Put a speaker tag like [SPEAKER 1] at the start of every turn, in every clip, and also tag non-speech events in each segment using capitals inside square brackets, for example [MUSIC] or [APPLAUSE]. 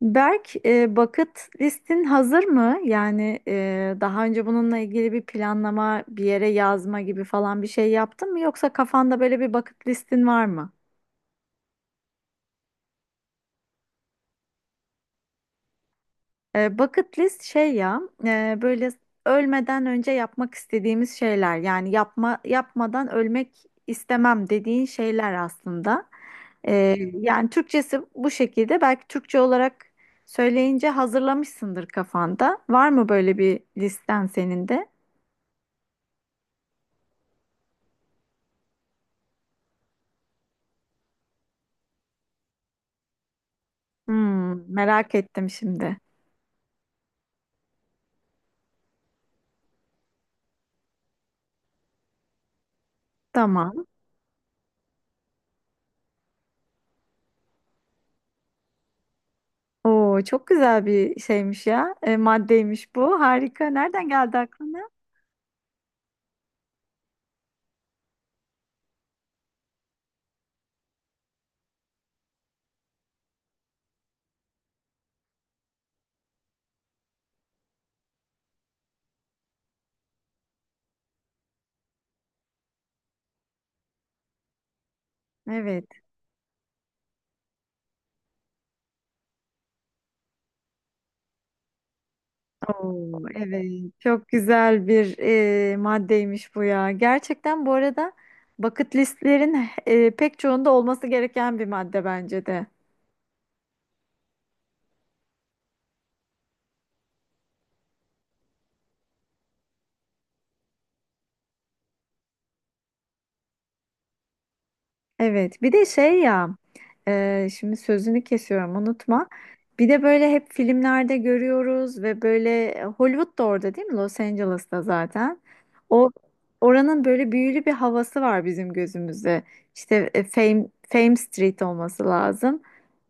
[SPEAKER 1] Berk, bucket listin hazır mı? Yani daha önce bununla ilgili bir planlama, bir yere yazma gibi falan bir şey yaptın mı? Yoksa kafanda böyle bir bucket listin var mı? Bucket list şey ya, böyle ölmeden önce yapmak istediğimiz şeyler. Yani yapmadan ölmek istemem dediğin şeyler aslında. Yani Türkçesi bu şekilde. Belki Türkçe olarak söyleyince hazırlamışsındır kafanda. Var mı böyle bir listen senin de? Hmm, merak ettim şimdi. Tamam. Oo, çok güzel bir şeymiş ya. Maddeymiş bu. Harika. Nereden geldi aklına? Evet. Oo, evet. Çok güzel bir maddeymiş bu ya. Gerçekten bu arada bucket listlerin pek çoğunda olması gereken bir madde bence de. Evet, bir de şey ya, şimdi sözünü kesiyorum, unutma. Bir de böyle hep filmlerde görüyoruz ve böyle Hollywood da orada değil mi? Los Angeles'ta zaten. O oranın böyle büyülü bir havası var bizim gözümüzde. İşte Fame Street olması lazım.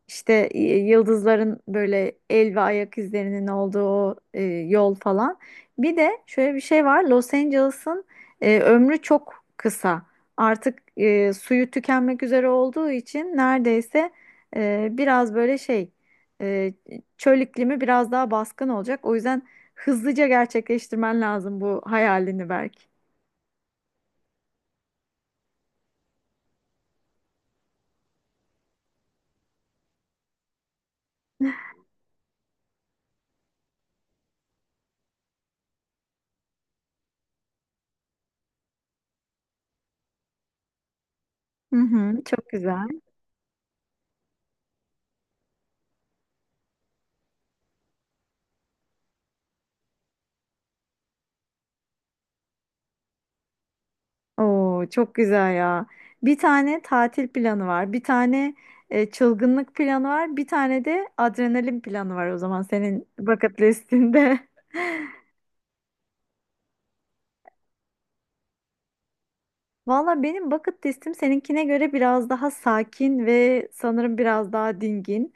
[SPEAKER 1] İşte yıldızların böyle el ve ayak izlerinin olduğu o, yol falan. Bir de şöyle bir şey var. Los Angeles'ın ömrü çok kısa artık suyu tükenmek üzere olduğu için neredeyse biraz böyle e, çöl iklimi biraz daha baskın olacak. O yüzden hızlıca gerçekleştirmen lazım bu hayalini Berk. Hı hı, çok güzel. Oo, çok güzel ya. Bir tane tatil planı var, bir tane çılgınlık planı var, bir tane de adrenalin planı var o zaman senin bucket listinde. [LAUGHS] Valla benim bucket listim seninkine göre biraz daha sakin ve sanırım biraz daha dingin.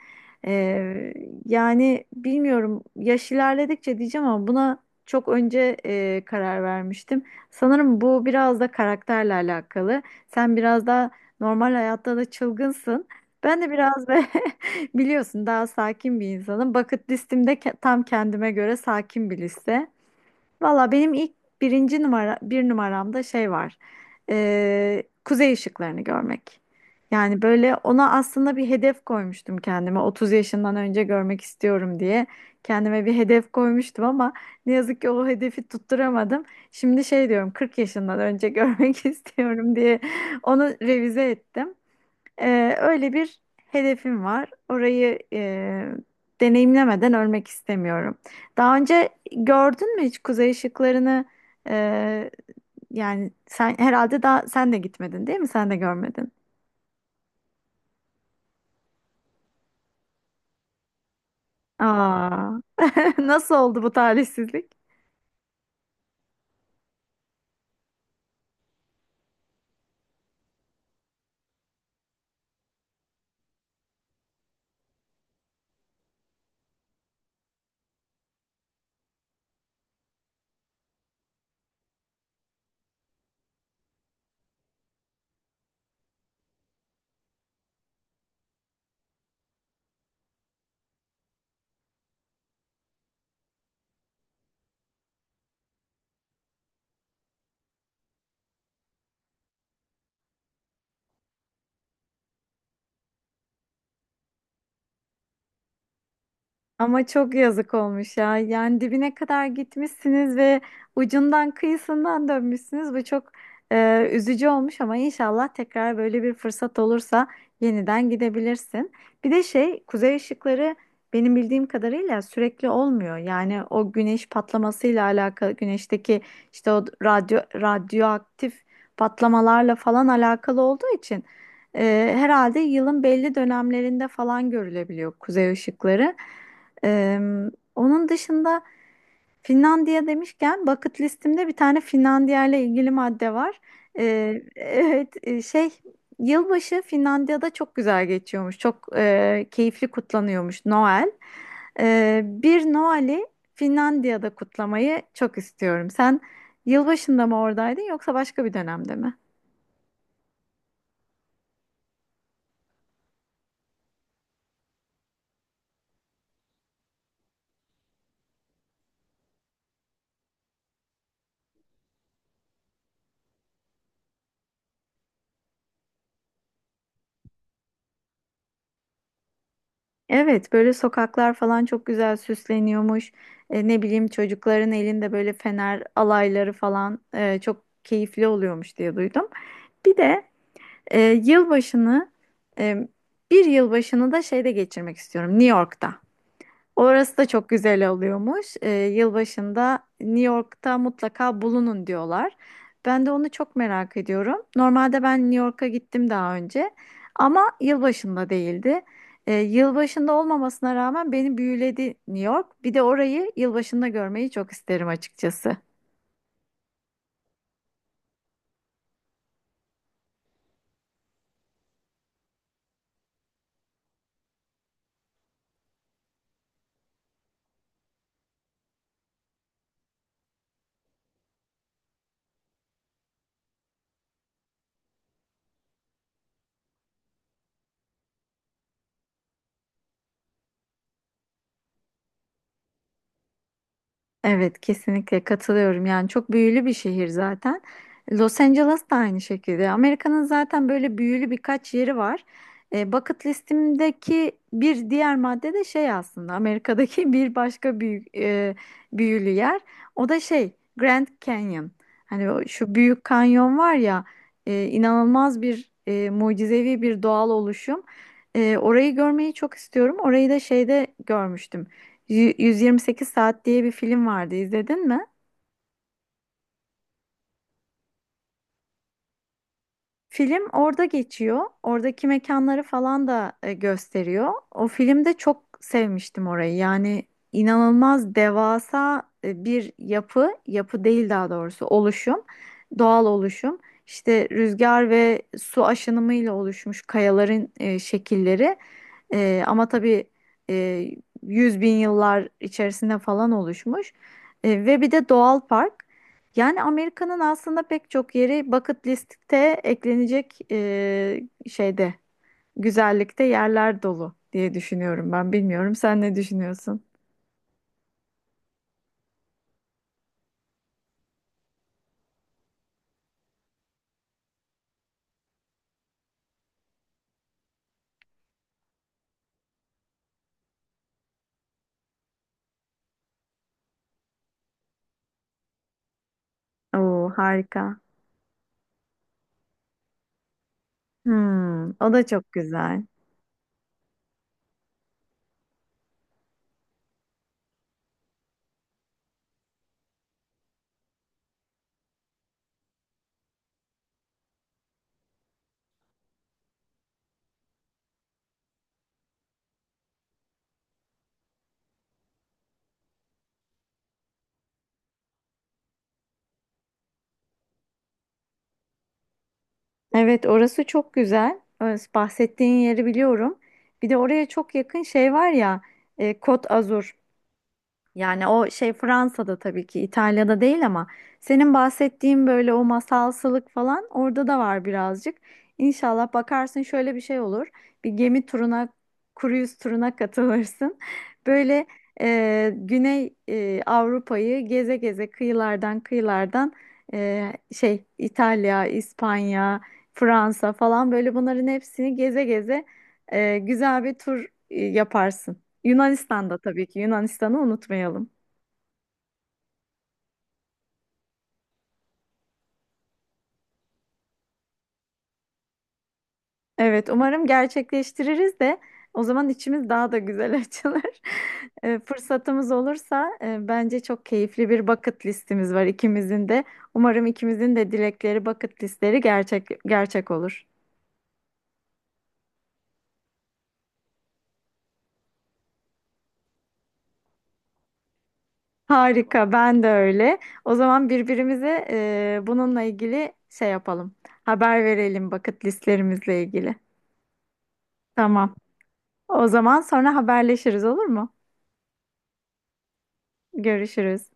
[SPEAKER 1] Ee, yani bilmiyorum yaş ilerledikçe diyeceğim ama buna çok önce karar vermiştim. Sanırım bu biraz da karakterle alakalı. Sen biraz daha normal hayatta da çılgınsın. Ben de biraz ve [LAUGHS] biliyorsun daha sakin bir insanım. Bucket listim de tam kendime göre sakin bir liste. Valla benim birinci numaramda şey var. Kuzey ışıklarını görmek. Yani böyle ona aslında bir hedef koymuştum kendime. 30 yaşından önce görmek istiyorum diye kendime bir hedef koymuştum ama ne yazık ki o hedefi tutturamadım. Şimdi şey diyorum 40 yaşından önce [LAUGHS] görmek istiyorum diye onu revize ettim. Öyle bir hedefim var. Orayı deneyimlemeden ölmek istemiyorum. Daha önce gördün mü hiç kuzey ışıklarını? E, yani sen herhalde daha sen de gitmedin değil mi? Sen de görmedin. Aa, [LAUGHS] nasıl oldu bu talihsizlik? Ama çok yazık olmuş ya. Yani dibine kadar gitmişsiniz ve ucundan kıyısından dönmüşsünüz. Bu çok üzücü olmuş ama inşallah tekrar böyle bir fırsat olursa yeniden gidebilirsin. Bir de şey, kuzey ışıkları benim bildiğim kadarıyla sürekli olmuyor. Yani o güneş patlamasıyla alakalı, güneşteki işte o radyoaktif patlamalarla falan alakalı olduğu için herhalde yılın belli dönemlerinde falan görülebiliyor kuzey ışıkları. Ee, onun dışında Finlandiya demişken bucket listimde bir tane Finlandiya ile ilgili madde var. [LAUGHS] Evet şey yılbaşı Finlandiya'da çok güzel geçiyormuş. Çok keyifli kutlanıyormuş Noel. Bir Noel'i Finlandiya'da kutlamayı çok istiyorum. Sen yılbaşında mı oradaydın yoksa başka bir dönemde mi? Evet, böyle sokaklar falan çok güzel süsleniyormuş. Ne bileyim çocukların elinde böyle fener alayları falan çok keyifli oluyormuş diye duydum. Bir de e, yılbaşını e, bir yılbaşını da şeyde geçirmek istiyorum, New York'ta. Orası da çok güzel oluyormuş. Yılbaşında New York'ta mutlaka bulunun diyorlar. Ben de onu çok merak ediyorum. Normalde ben New York'a gittim daha önce ama yılbaşında değildi. Yılbaşında olmamasına rağmen beni büyüledi New York. Bir de orayı yılbaşında görmeyi çok isterim açıkçası. Evet, kesinlikle katılıyorum. Yani çok büyülü bir şehir zaten. Los Angeles da aynı şekilde. Amerika'nın zaten böyle büyülü birkaç yeri var. Bucket listimdeki bir diğer madde de şey aslında Amerika'daki [LAUGHS] bir başka büyük büyülü yer. O da şey Grand Canyon. Hani o, şu büyük kanyon var ya inanılmaz bir mucizevi bir doğal oluşum. Orayı görmeyi çok istiyorum. Orayı da şeyde görmüştüm. 128 Saat diye bir film vardı izledin mi? Film orada geçiyor. Oradaki mekanları falan da gösteriyor. O filmde çok sevmiştim orayı. Yani inanılmaz devasa yapı değil daha doğrusu oluşum, doğal oluşum. İşte rüzgar ve su aşınımıyla oluşmuş kayaların şekilleri. Ama tabii e, 100 bin yıllar içerisinde falan oluşmuş. Ve bir de doğal park. Yani Amerika'nın aslında pek çok yeri bucket listte eklenecek şeyde, güzellikte yerler dolu diye düşünüyorum ben. Bilmiyorum sen ne düşünüyorsun? Oo harika. Hmm, o da çok güzel. Evet orası çok güzel. Orası bahsettiğin yeri biliyorum. Bir de oraya çok yakın şey var ya, Côte Azur. Yani o şey Fransa'da tabii ki İtalya'da değil ama senin bahsettiğin böyle o masalsılık falan orada da var birazcık. İnşallah bakarsın şöyle bir şey olur. Bir gemi turuna, cruise turuna katılırsın. [LAUGHS] Böyle Güney Avrupa'yı geze geze kıyılardan şey İtalya, İspanya, Fransa falan böyle bunların hepsini geze geze güzel bir tur yaparsın. Yunanistan'da tabii ki Yunanistan'ı unutmayalım. Evet, umarım gerçekleştiririz de o zaman içimiz daha da güzel [LAUGHS] açılır. Fırsatımız olursa bence çok keyifli bir bucket listimiz var ikimizin de. Umarım ikimizin de dilekleri, bucket listleri gerçek olur. Harika, ben de öyle. O zaman birbirimize bununla ilgili şey yapalım. Haber verelim bucket listlerimizle ilgili. Tamam. O zaman sonra haberleşiriz olur mu? Görüşürüz.